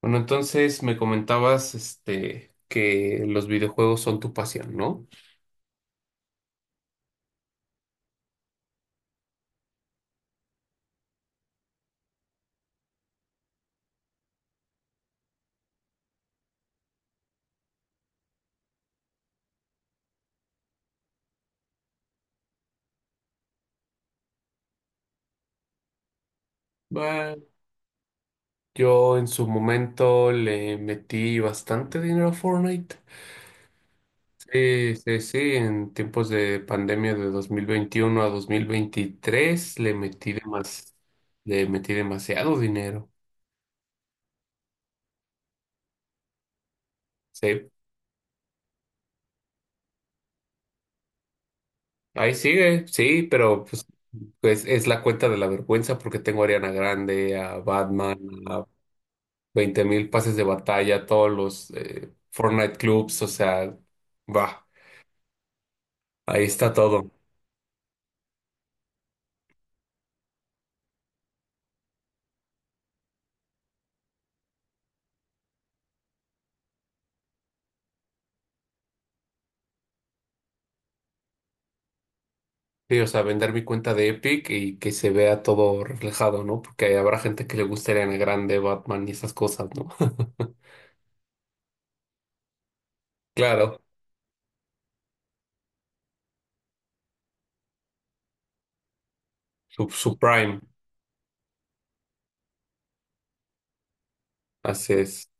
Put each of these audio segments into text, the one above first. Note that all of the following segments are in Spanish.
Bueno, entonces me comentabas este, que los videojuegos son tu pasión, ¿no? Bueno, yo en su momento le metí bastante dinero a Fortnite. Sí, sí, sí, en tiempos de pandemia de 2021 a 2023 le metí le metí demasiado dinero. Sí, ahí sigue, sí, pero pues es la cuenta de la vergüenza porque tengo a Ariana Grande, a Batman, 20.000 pases de batalla, todos los Fortnite clubs, o sea, va, ahí está todo. Sí, o sea, vender mi cuenta de Epic y que se vea todo reflejado, ¿no? Porque habrá gente que le guste Ariana Grande, Batman y esas cosas, ¿no? Claro, su Prime, así es.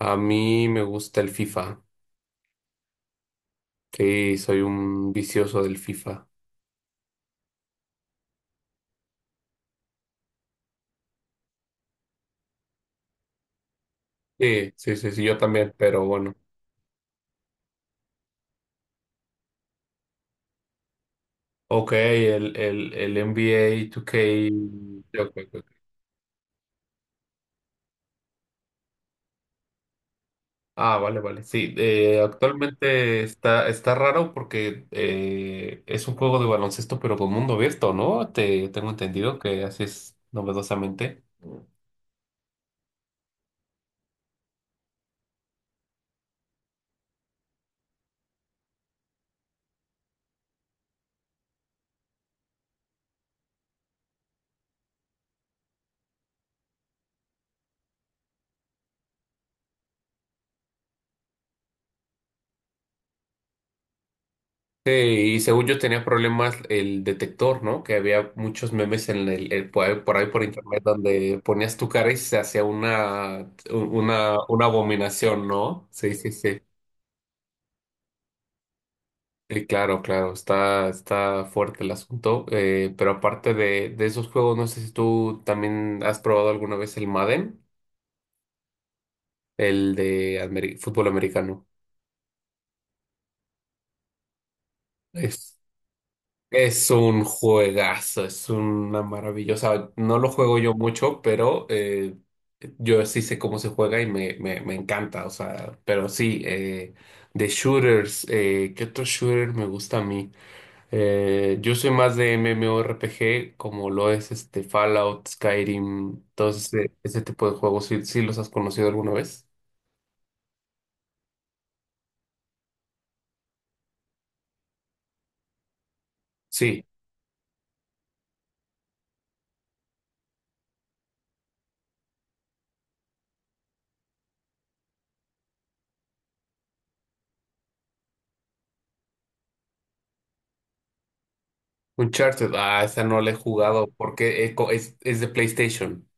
A mí me gusta el FIFA. Sí, soy un vicioso del FIFA. Sí, sí, sí, sí, yo también, pero bueno. Ok, el NBA 2K. Ok, ok, ok. Ah, vale, vale. Sí, actualmente está raro porque es un juego de baloncesto, pero con mundo abierto, ¿no? Tengo entendido que así es novedosamente. Sí, y según yo tenía problemas el detector, ¿no? Que había muchos memes en por ahí por internet donde ponías tu cara y se hacía una abominación, ¿no? Sí, sí, sí. Claro, claro, está fuerte el asunto. Pero aparte de esos juegos, no sé si tú también has probado alguna vez el Madden, el de fútbol americano. Es, es un juegazo, es una maravillosa. No lo juego yo mucho, pero yo sí sé cómo se juega y me encanta. O sea, pero sí, de shooters, ¿qué otro shooter me gusta a mí? Yo soy más de MMORPG, como lo es este Fallout, Skyrim, todos ese tipo de juegos. ¿Sí, sí los has conocido alguna vez? Sí. Uncharted. Ah, esa no la he jugado porque es de PlayStation.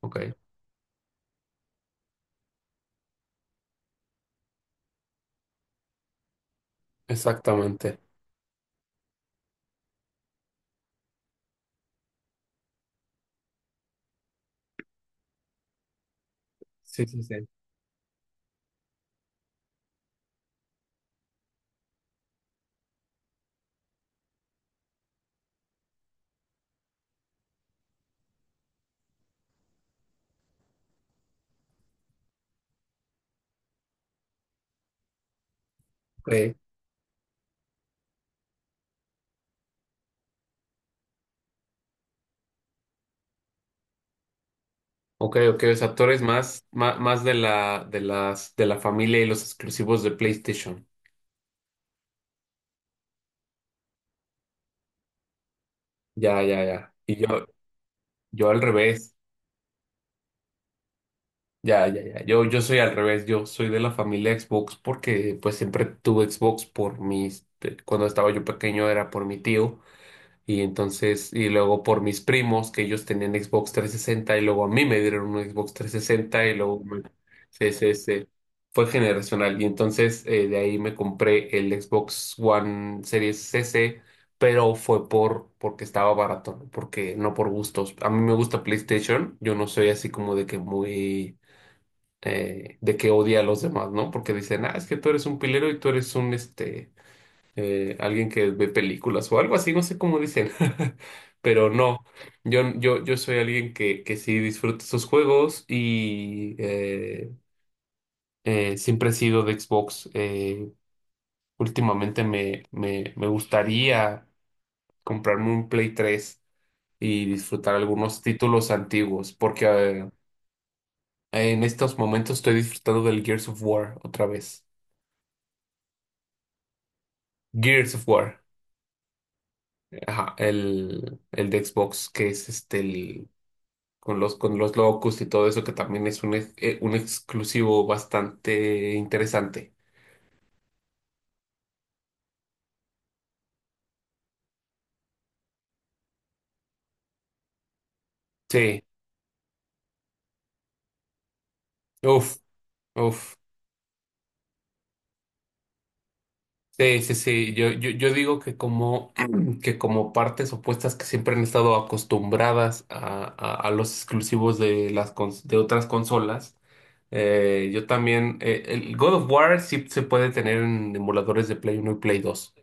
Ok, exactamente. Sí, sí, sí. Ok, ok, ok. O sea, tú eres más, más, más de la, de las, de la familia y los exclusivos de PlayStation. Ya, ya, ya. Y yo al revés. Ya, ya, ya. Yo soy al revés. Yo soy de la familia Xbox porque pues siempre tuve Xbox por mis. Cuando estaba yo pequeño era por mi tío y entonces. Y luego por mis primos que ellos tenían Xbox 360 y luego a mí me dieron un Xbox 360 y luego. Sí, sí, sí. Fue generacional y entonces de ahí me compré el Xbox One Series S, pero fue porque estaba barato, porque no por gustos. A mí me gusta PlayStation. Yo no soy así como de que muy de que odia a los demás, ¿no? Porque dicen, ah, es que tú eres un pilero y tú eres un, este, alguien que ve películas o algo así, no sé cómo dicen, pero no, yo soy alguien que sí disfruta sus juegos y siempre he sido de Xbox. Últimamente me gustaría comprarme un Play 3 y disfrutar algunos títulos antiguos, porque. En estos momentos estoy disfrutando del Gears of War otra vez. Gears of War, ajá, el de Xbox, que es este el, con los locos y todo eso, que también es un exclusivo bastante interesante. Sí, uff, uff. Sí, sí, sí. Yo digo que como, que como partes opuestas que siempre han estado acostumbradas a los exclusivos de las de otras consolas. Yo también, el God of War sí se puede tener en emuladores de Play 1 y Play 2.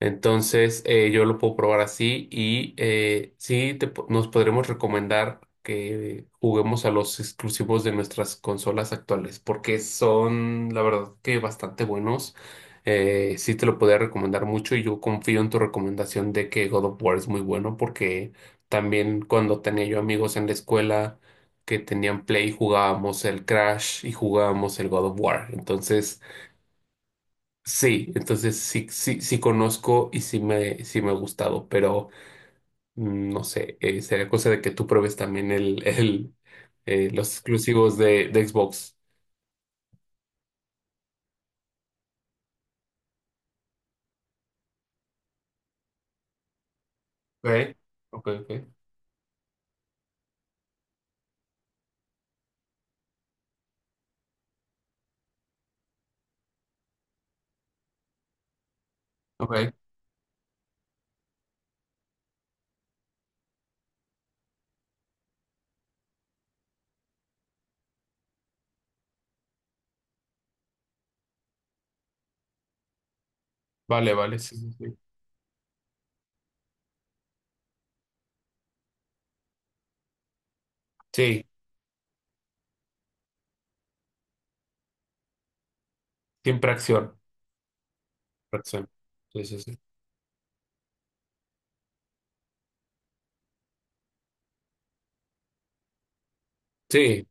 Entonces, yo lo puedo probar así y sí nos podremos recomendar que juguemos a los exclusivos de nuestras consolas actuales, porque son, la verdad, que bastante buenos. Sí te lo podría recomendar mucho y yo confío en tu recomendación de que God of War es muy bueno, porque también cuando tenía yo amigos en la escuela que tenían Play, jugábamos el Crash y jugábamos el God of War. Entonces. Sí, entonces sí, sí, sí conozco y sí sí me ha gustado, pero no sé, sería cosa de que tú pruebes también el, el, los exclusivos de Xbox. Okay, okay, okay, okay. Vale, vale, sí, sí, sí. Sí, siempre acción, acción. Sí, sí, sí. Sí,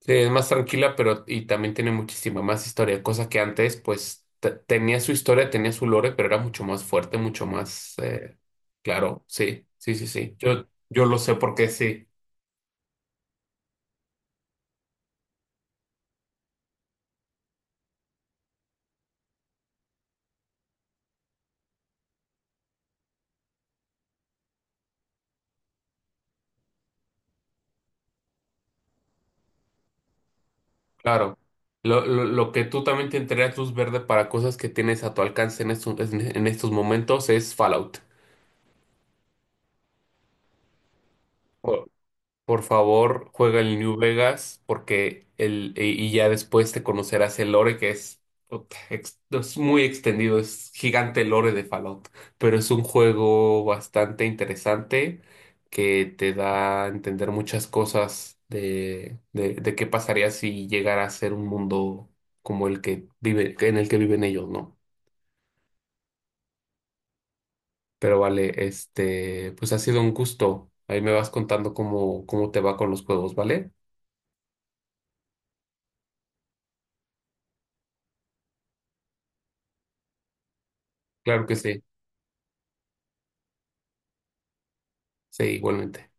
sí, es más tranquila, pero y también tiene muchísima más historia, cosa que antes, pues, tenía su historia, tenía su lore, pero era mucho más fuerte, mucho más, claro, sí, sí, sí, sí. Yo lo sé porque sí, claro. Lo que tú también te entregas luz verde para cosas que tienes a tu alcance en estos momentos es Fallout. Por favor, juega el New Vegas porque el, y ya después te conocerás el lore que es, puta, es muy extendido, es gigante el lore de Fallout, pero es un juego bastante interesante que te da a entender muchas cosas de qué pasaría si llegara a ser un mundo como el que vive, en el que viven ellos, ¿no? Pero vale, este, pues ha sido un gusto. Ahí me vas contando cómo te va con los juegos, ¿vale? Claro que sí. Sí, igualmente.